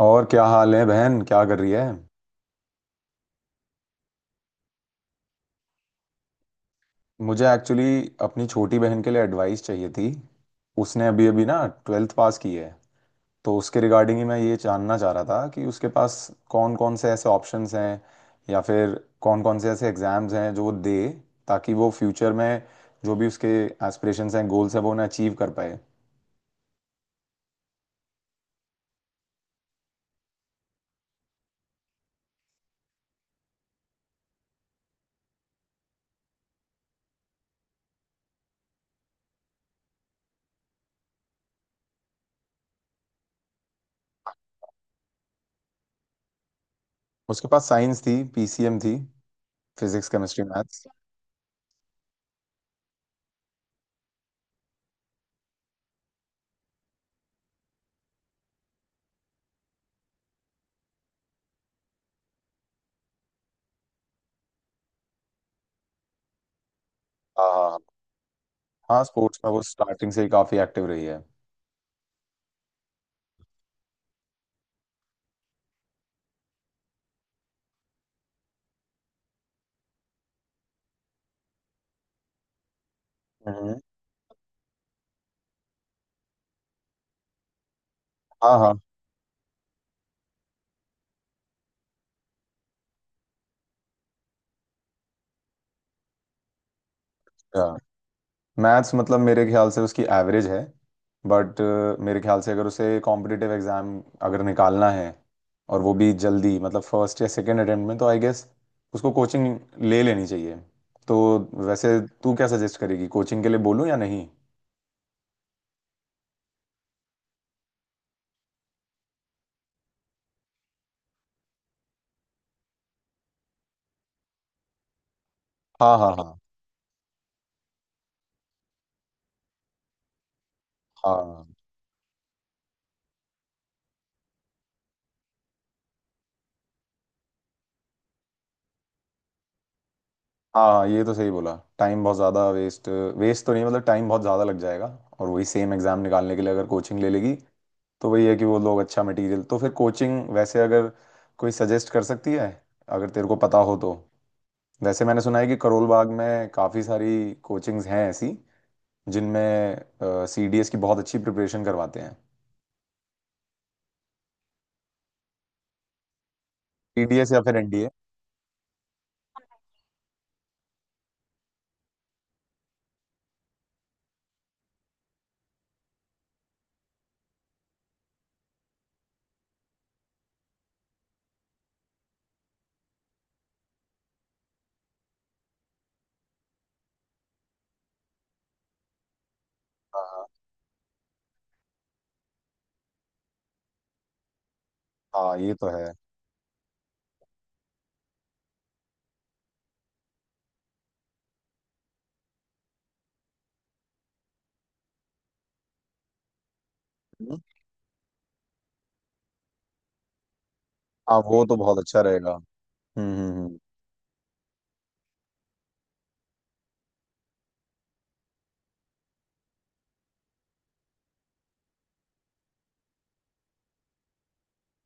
और क्या हाल है बहन, क्या कर रही है? मुझे एक्चुअली अपनी छोटी बहन के लिए एडवाइस चाहिए थी। उसने अभी अभी ना 12th पास की है। तो उसके रिगार्डिंग ही मैं ये जानना चाह रहा था कि उसके पास कौन कौन से ऐसे ऑप्शंस हैं, या फिर कौन कौन से ऐसे एग्ज़ाम्स हैं जो वो दे, ताकि वो फ्यूचर में जो भी उसके एस्पिरेशंस हैं, गोल्स हैं, वो उन्हें अचीव कर पाए। उसके पास साइंस थी, पीसीएम थी, फिजिक्स, केमिस्ट्री, मैथ्स। हाँ, हाँ, हाँ। स्पोर्ट्स में वो स्टार्टिंग से ही काफ़ी एक्टिव रही है। हम्म, हाँ, हाँ। मैथ्स मतलब मेरे ख्याल से उसकी एवरेज है, बट मेरे ख्याल से अगर उसे कॉम्पिटिटिव एग्जाम अगर निकालना है, और वो भी जल्दी, मतलब फर्स्ट या सेकेंड अटेम्प्ट में, तो आई गेस उसको कोचिंग ले लेनी चाहिए। तो वैसे तू क्या सजेस्ट करेगी, कोचिंग के लिए बोलूँ या नहीं? हाँ, हाँ, हाँ, हाँ, हाँ, ये तो सही बोला। टाइम बहुत ज़्यादा वेस्ट, वेस्ट तो नहीं, मतलब टाइम बहुत ज़्यादा लग जाएगा। और वही सेम एग्ज़ाम निकालने के लिए अगर कोचिंग ले लेगी, तो वही है कि वो लोग अच्छा मटेरियल, तो फिर कोचिंग वैसे अगर कोई सजेस्ट कर सकती है, अगर तेरे को पता हो तो। वैसे मैंने सुना है कि करोल बाग में काफ़ी सारी कोचिंग्स हैं ऐसी, जिनमें सी डी एस की बहुत अच्छी प्रिपरेशन करवाते हैं। सी डी एस या फिर एन डी ए? हाँ, हाँ, ये तो है। हम्म। हाँ, वो तो बहुत अच्छा रहेगा। हम्म, हम्म,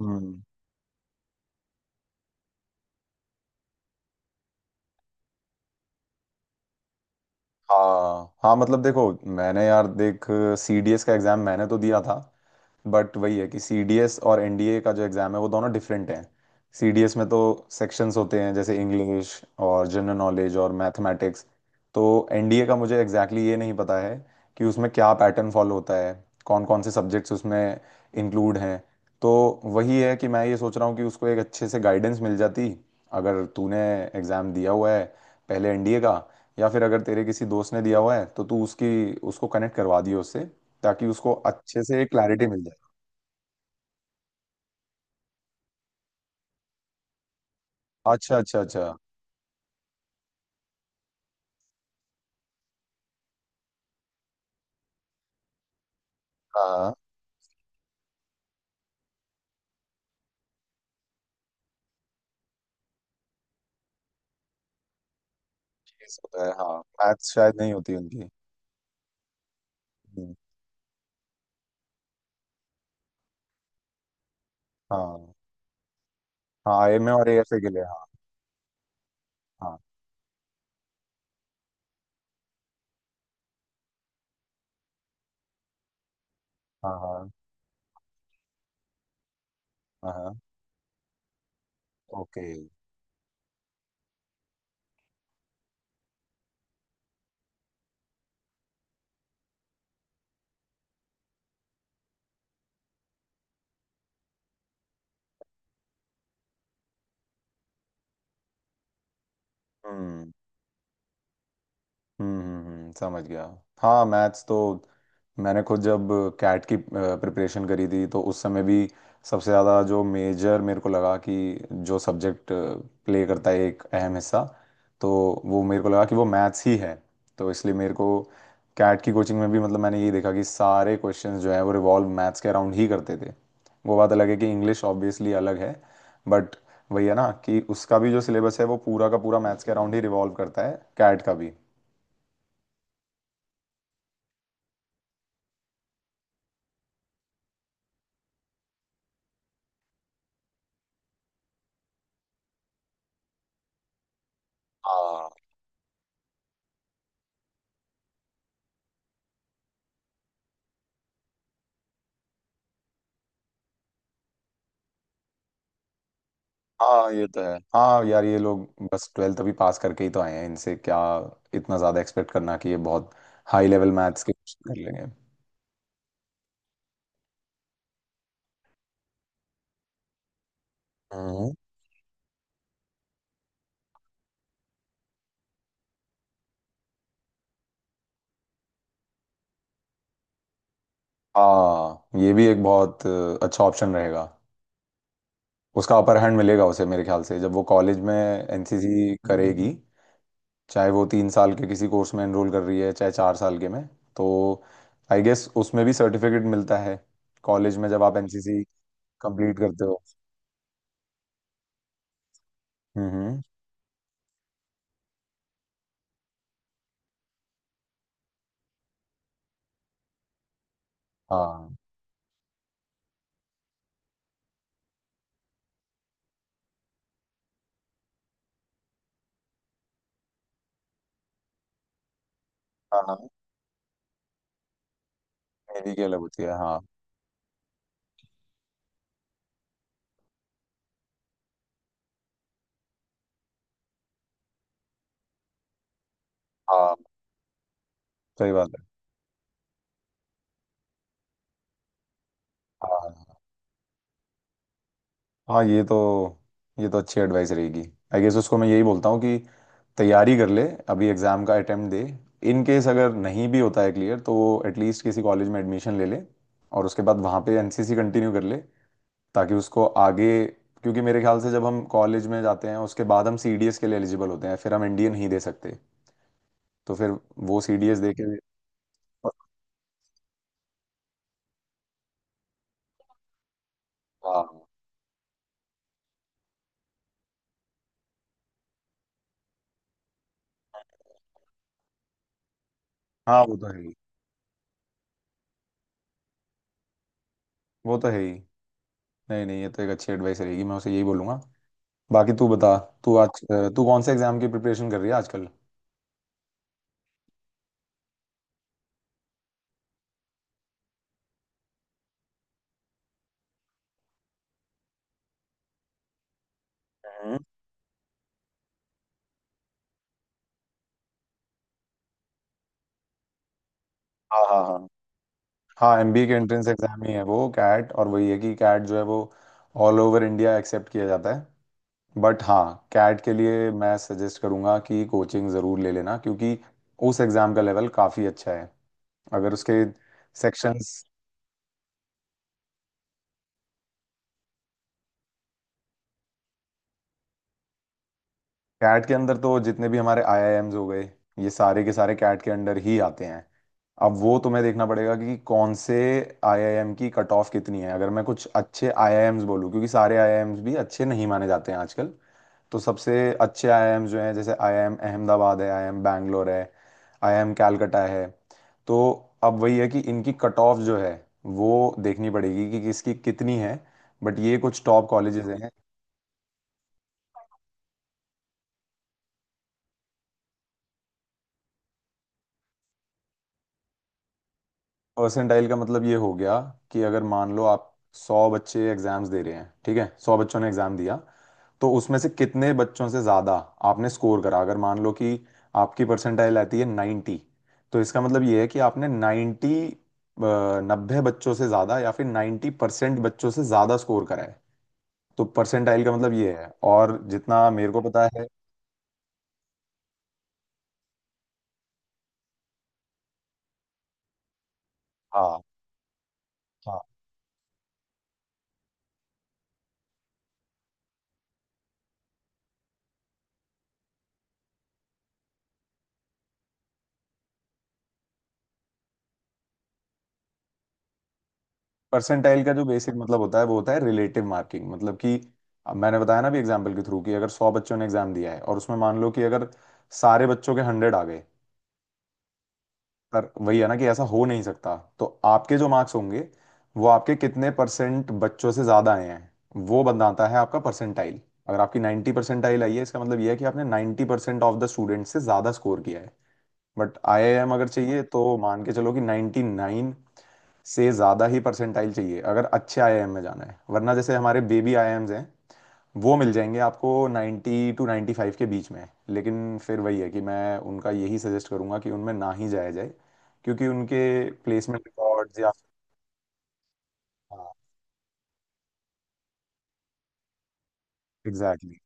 हम्म, हाँ, हाँ, मतलब देखो, मैंने यार देख, सीडीएस का एग्जाम मैंने तो दिया था, बट वही है कि सीडीएस और एनडीए का जो एग्ज़ाम है वो दोनों डिफरेंट हैं। सीडीएस में तो सेक्शंस होते हैं, जैसे इंग्लिश और जनरल नॉलेज और मैथमेटिक्स। तो एनडीए का मुझे एग्जैक्टली exactly ये नहीं पता है कि उसमें क्या पैटर्न फॉलो होता है, कौन कौन से सब्जेक्ट्स उसमें इंक्लूड हैं। तो वही है कि मैं ये सोच रहा हूँ कि उसको एक अच्छे से गाइडेंस मिल जाती, अगर तूने एग्ज़ाम दिया हुआ है पहले एनडीए का, या फिर अगर तेरे किसी दोस्त ने दिया हुआ है तो तू उसकी उसको कनेक्ट करवा दियो उससे, ताकि उसको अच्छे से क्लैरिटी मिल जाए। अच्छा, अच्छा, अच्छा। हाँ, ये सब है। हाँ, मैथ्स शायद नहीं होती उनकी। हम्म, हाँ, हाँ, एम ए और एएफए के लिए, हाँ, हाँ, हाँ, हाँ, हाँ। ओके। हम्म, हम्म, हम्म, समझ गया। हाँ, मैथ्स तो मैंने खुद जब कैट की प्रिपरेशन करी थी, तो उस समय भी सबसे ज़्यादा जो मेजर मेरे को लगा कि जो सब्जेक्ट प्ले करता है एक अहम हिस्सा, तो वो मेरे को लगा कि वो मैथ्स ही है। तो इसलिए मेरे को कैट की कोचिंग में भी, मतलब, मैंने ये देखा कि सारे क्वेश्चंस जो हैं वो रिवॉल्व मैथ्स के अराउंड ही करते थे। वो बात अलग है कि इंग्लिश ऑब्वियसली अलग है, बट वही है ना कि उसका भी जो सिलेबस है वो पूरा का पूरा मैथ्स के अराउंड ही रिवॉल्व करता है, कैट का भी। हाँ, हाँ, ये तो है। हाँ यार, ये लोग बस 12th अभी पास करके ही तो आए हैं, इनसे क्या इतना ज़्यादा एक्सपेक्ट करना कि ये बहुत हाई लेवल मैथ्स के क्वेश्चन कर लेंगे। हम्म। हाँ, ये भी एक बहुत अच्छा ऑप्शन रहेगा। उसका अपर हैंड मिलेगा उसे मेरे ख्याल से, जब वो कॉलेज में एनसीसी करेगी, चाहे वो 3 साल के किसी कोर्स में एनरोल कर रही है, चाहे 4 साल के में। तो आई गेस उसमें भी सर्टिफिकेट मिलता है कॉलेज में जब आप एनसीसी कंप्लीट करते हो। हम्म। हाँ, हाँ, मेरी की अलग होती है, हाँ। हाँ, सही बात है। हाँ, हाँ, ये तो अच्छी एडवाइस रहेगी। आई गेस उसको मैं यही बोलता हूँ कि तैयारी कर ले, अभी एग्जाम का अटेम्प्ट दे, इन केस अगर नहीं भी होता है क्लियर, तो वो एटलीस्ट किसी कॉलेज में एडमिशन ले ले, और उसके बाद वहाँ पे एनसीसी कंटिन्यू कर ले, ताकि उसको आगे, क्योंकि मेरे ख्याल से जब हम कॉलेज में जाते हैं उसके बाद हम सीडीएस के लिए एलिजिबल होते हैं, फिर हम एनडीए नहीं दे सकते, तो फिर वो सीडीएस दे के। हाँ, हाँ, वो तो है ही। नहीं, नहीं, ये तो एक अच्छी एडवाइस रहेगी, मैं उसे यही बोलूंगा। बाकी तू बता, तू आज तू कौन से एग्जाम की प्रिपरेशन कर रही है आजकल? हम्म, हाँ, हाँ, हाँ। हाँ, एमबीए के एंट्रेंस एग्जाम ही है वो कैट, और वही है कि कैट जो है वो ऑल ओवर इंडिया एक्सेप्ट किया जाता है। बट हाँ, कैट के लिए मैं सजेस्ट करूँगा कि कोचिंग ज़रूर ले लेना, क्योंकि उस एग्ज़ाम का लेवल काफ़ी अच्छा है। अगर उसके सेक्शंस, कैट के अंदर तो जितने भी हमारे आईआईएम्स हो गए, ये सारे के सारे कैट के अंडर ही आते हैं। अब वो तुम्हें देखना पड़ेगा कि कौन से आईआईएम की कट ऑफ कितनी है। अगर मैं कुछ अच्छे आईआईएम्स बोलूँ, क्योंकि सारे आईआईएम्स भी अच्छे नहीं माने जाते हैं आजकल, तो सबसे अच्छे आईआईएम्स जो हैं, जैसे आईआईएम अहमदाबाद है, आईआईएम बैंगलोर है, आईआईएम कैलकटा है, तो अब वही है कि इनकी कट ऑफ जो है वो देखनी पड़ेगी कि किसकी कितनी है, बट ये कुछ टॉप कॉलेजेस हैं। परसेंटाइल का मतलब ये हो गया कि, अगर मान लो आप 100 बच्चे एग्जाम्स दे रहे हैं, ठीक है, 100 बच्चों ने एग्जाम दिया, तो उसमें से कितने बच्चों से ज्यादा आपने स्कोर करा। अगर मान लो कि आपकी परसेंटाइल आती है 90, तो इसका मतलब ये है कि आपने 90, 90 बच्चों से ज्यादा, या फिर 90% बच्चों से ज्यादा स्कोर करा है। तो परसेंटाइल का मतलब ये है, और जितना मेरे को पता है, हाँ, हाँ, परसेंटाइल का जो बेसिक मतलब होता है वो होता है रिलेटिव मार्किंग, मतलब कि, अब मैंने बताया ना भी एग्जाम्पल के थ्रू, कि अगर 100 बच्चों ने एग्जाम दिया है और उसमें मान लो कि अगर सारे बच्चों के 100 आ गए, पर वही है ना कि ऐसा हो नहीं सकता, तो आपके जो मार्क्स होंगे वो आपके कितने परसेंट बच्चों से ज्यादा आए हैं, वो बनाता है आपका परसेंटाइल। अगर आपकी 90 परसेंटाइल आई है, इसका मतलब ये है कि आपने 90% ऑफ द स्टूडेंट से ज्यादा स्कोर किया है। बट आईआईएम अगर चाहिए तो मान के चलो कि 99 से ज़्यादा ही परसेंटाइल चाहिए, अगर अच्छे आईआईएम में जाना है, वरना जैसे हमारे बेबी आईआईएम्स हैं वो मिल जाएंगे आपको 90 टू 95 के बीच में। लेकिन फिर वही है कि मैं उनका यही सजेस्ट करूंगा कि उनमें ना ही जाया जाए, क्योंकि उनके प्लेसमेंट रिकॉर्ड्स या, हाँ, एग्जैक्टली।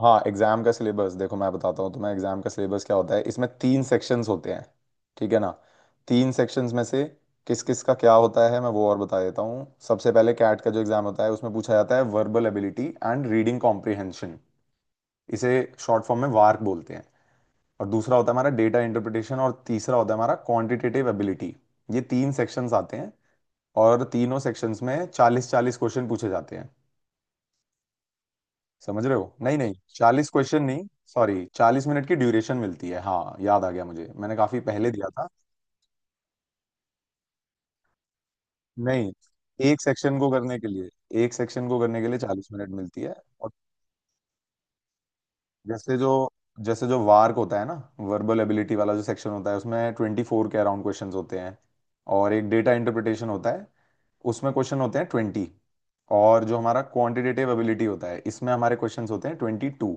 हाँ, एग्जाम का सिलेबस देखो, मैं बताता हूँ तुम्हें एग्जाम का सिलेबस क्या होता है। इसमें तीन सेक्शंस होते हैं, ठीक है ना? तीन सेक्शंस में से किस किस का क्या होता है मैं वो और बता देता हूँ। सबसे पहले, कैट का जो एग्जाम होता है उसमें पूछा जाता है verbal ability and reading comprehension, इसे शॉर्ट फॉर्म में वार्क बोलते हैं। और दूसरा होता है हमारा डेटा इंटरप्रिटेशन, और तीसरा होता है हमारा क्वांटिटेटिव एबिलिटी। ये तीन सेक्शंस आते हैं, और तीनों सेक्शंस में 40 40 क्वेश्चन पूछे जाते हैं। समझ रहे हो? नहीं, नहीं, 40 क्वेश्चन नहीं, सॉरी, 40 मिनट की ड्यूरेशन मिलती है, हाँ, याद आ गया मुझे, मैंने काफी पहले दिया था। नहीं, एक सेक्शन को करने के लिए, एक सेक्शन को करने के लिए 40 मिनट मिलती है। और जैसे जो, वार्क होता है ना, वर्बल एबिलिटी वाला जो सेक्शन होता है, उसमें 24 के अराउंड क्वेश्चंस होते हैं। और एक डेटा इंटरप्रिटेशन होता है, उसमें क्वेश्चन होते हैं 20। और जो हमारा क्वांटिटेटिव एबिलिटी होता है, इसमें हमारे क्वेश्चंस होते हैं 22।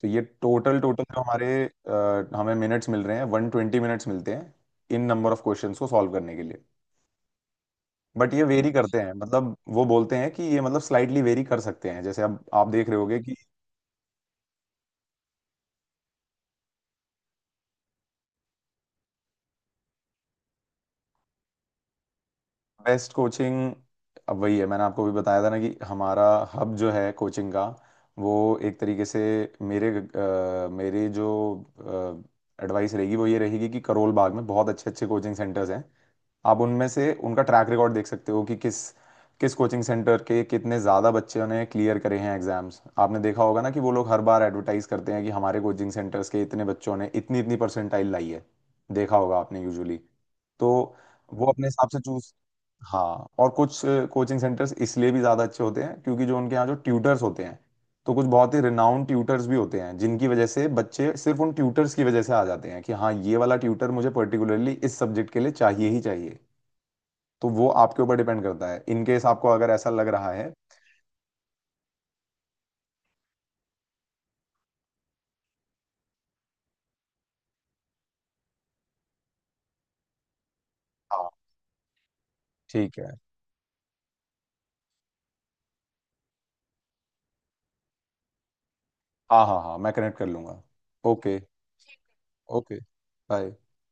तो ये टोटल, जो हमारे हमें मिनट्स मिल रहे हैं, 120 मिनट्स मिलते हैं इन नंबर ऑफ क्वेश्चंस को सॉल्व करने के लिए। बट ये वेरी करते हैं, मतलब वो बोलते हैं कि ये, मतलब, स्लाइटली वेरी कर सकते हैं, जैसे अब आप देख रहे होगे कि, बेस्ट कोचिंग, अब वही है, मैंने आपको भी बताया था ना कि हमारा हब जो है कोचिंग का, वो एक तरीके से, मेरे जो एडवाइस रहेगी वो ये रहेगी कि करोल बाग में बहुत अच्छे अच्छे कोचिंग सेंटर्स हैं। आप उनमें से उनका ट्रैक रिकॉर्ड देख सकते हो कि किस किस कोचिंग सेंटर के कितने ज़्यादा बच्चों ने क्लियर करे हैं एग्जाम्स, आपने देखा होगा ना कि वो लोग हर बार एडवर्टाइज करते हैं कि हमारे कोचिंग सेंटर्स के इतने बच्चों ने इतनी इतनी परसेंटाइल लाई है, देखा होगा आपने यूजुअली। तो वो अपने हिसाब से चूज, हाँ, और कुछ कोचिंग सेंटर्स इसलिए भी ज़्यादा अच्छे होते हैं क्योंकि जो उनके यहाँ जो ट्यूटर्स होते हैं, तो कुछ बहुत ही रिनाउंड ट्यूटर्स भी होते हैं, जिनकी वजह से बच्चे सिर्फ उन ट्यूटर्स की वजह से आ जाते हैं कि हाँ, ये वाला ट्यूटर मुझे पर्टिकुलरली इस सब्जेक्ट के लिए चाहिए ही चाहिए। तो वो आपके ऊपर डिपेंड करता है, इन केस आपको अगर ऐसा लग रहा है। हाँ, ठीक है, हाँ, हाँ, हाँ, मैं कनेक्ट कर लूंगा। Okay, okay, bye.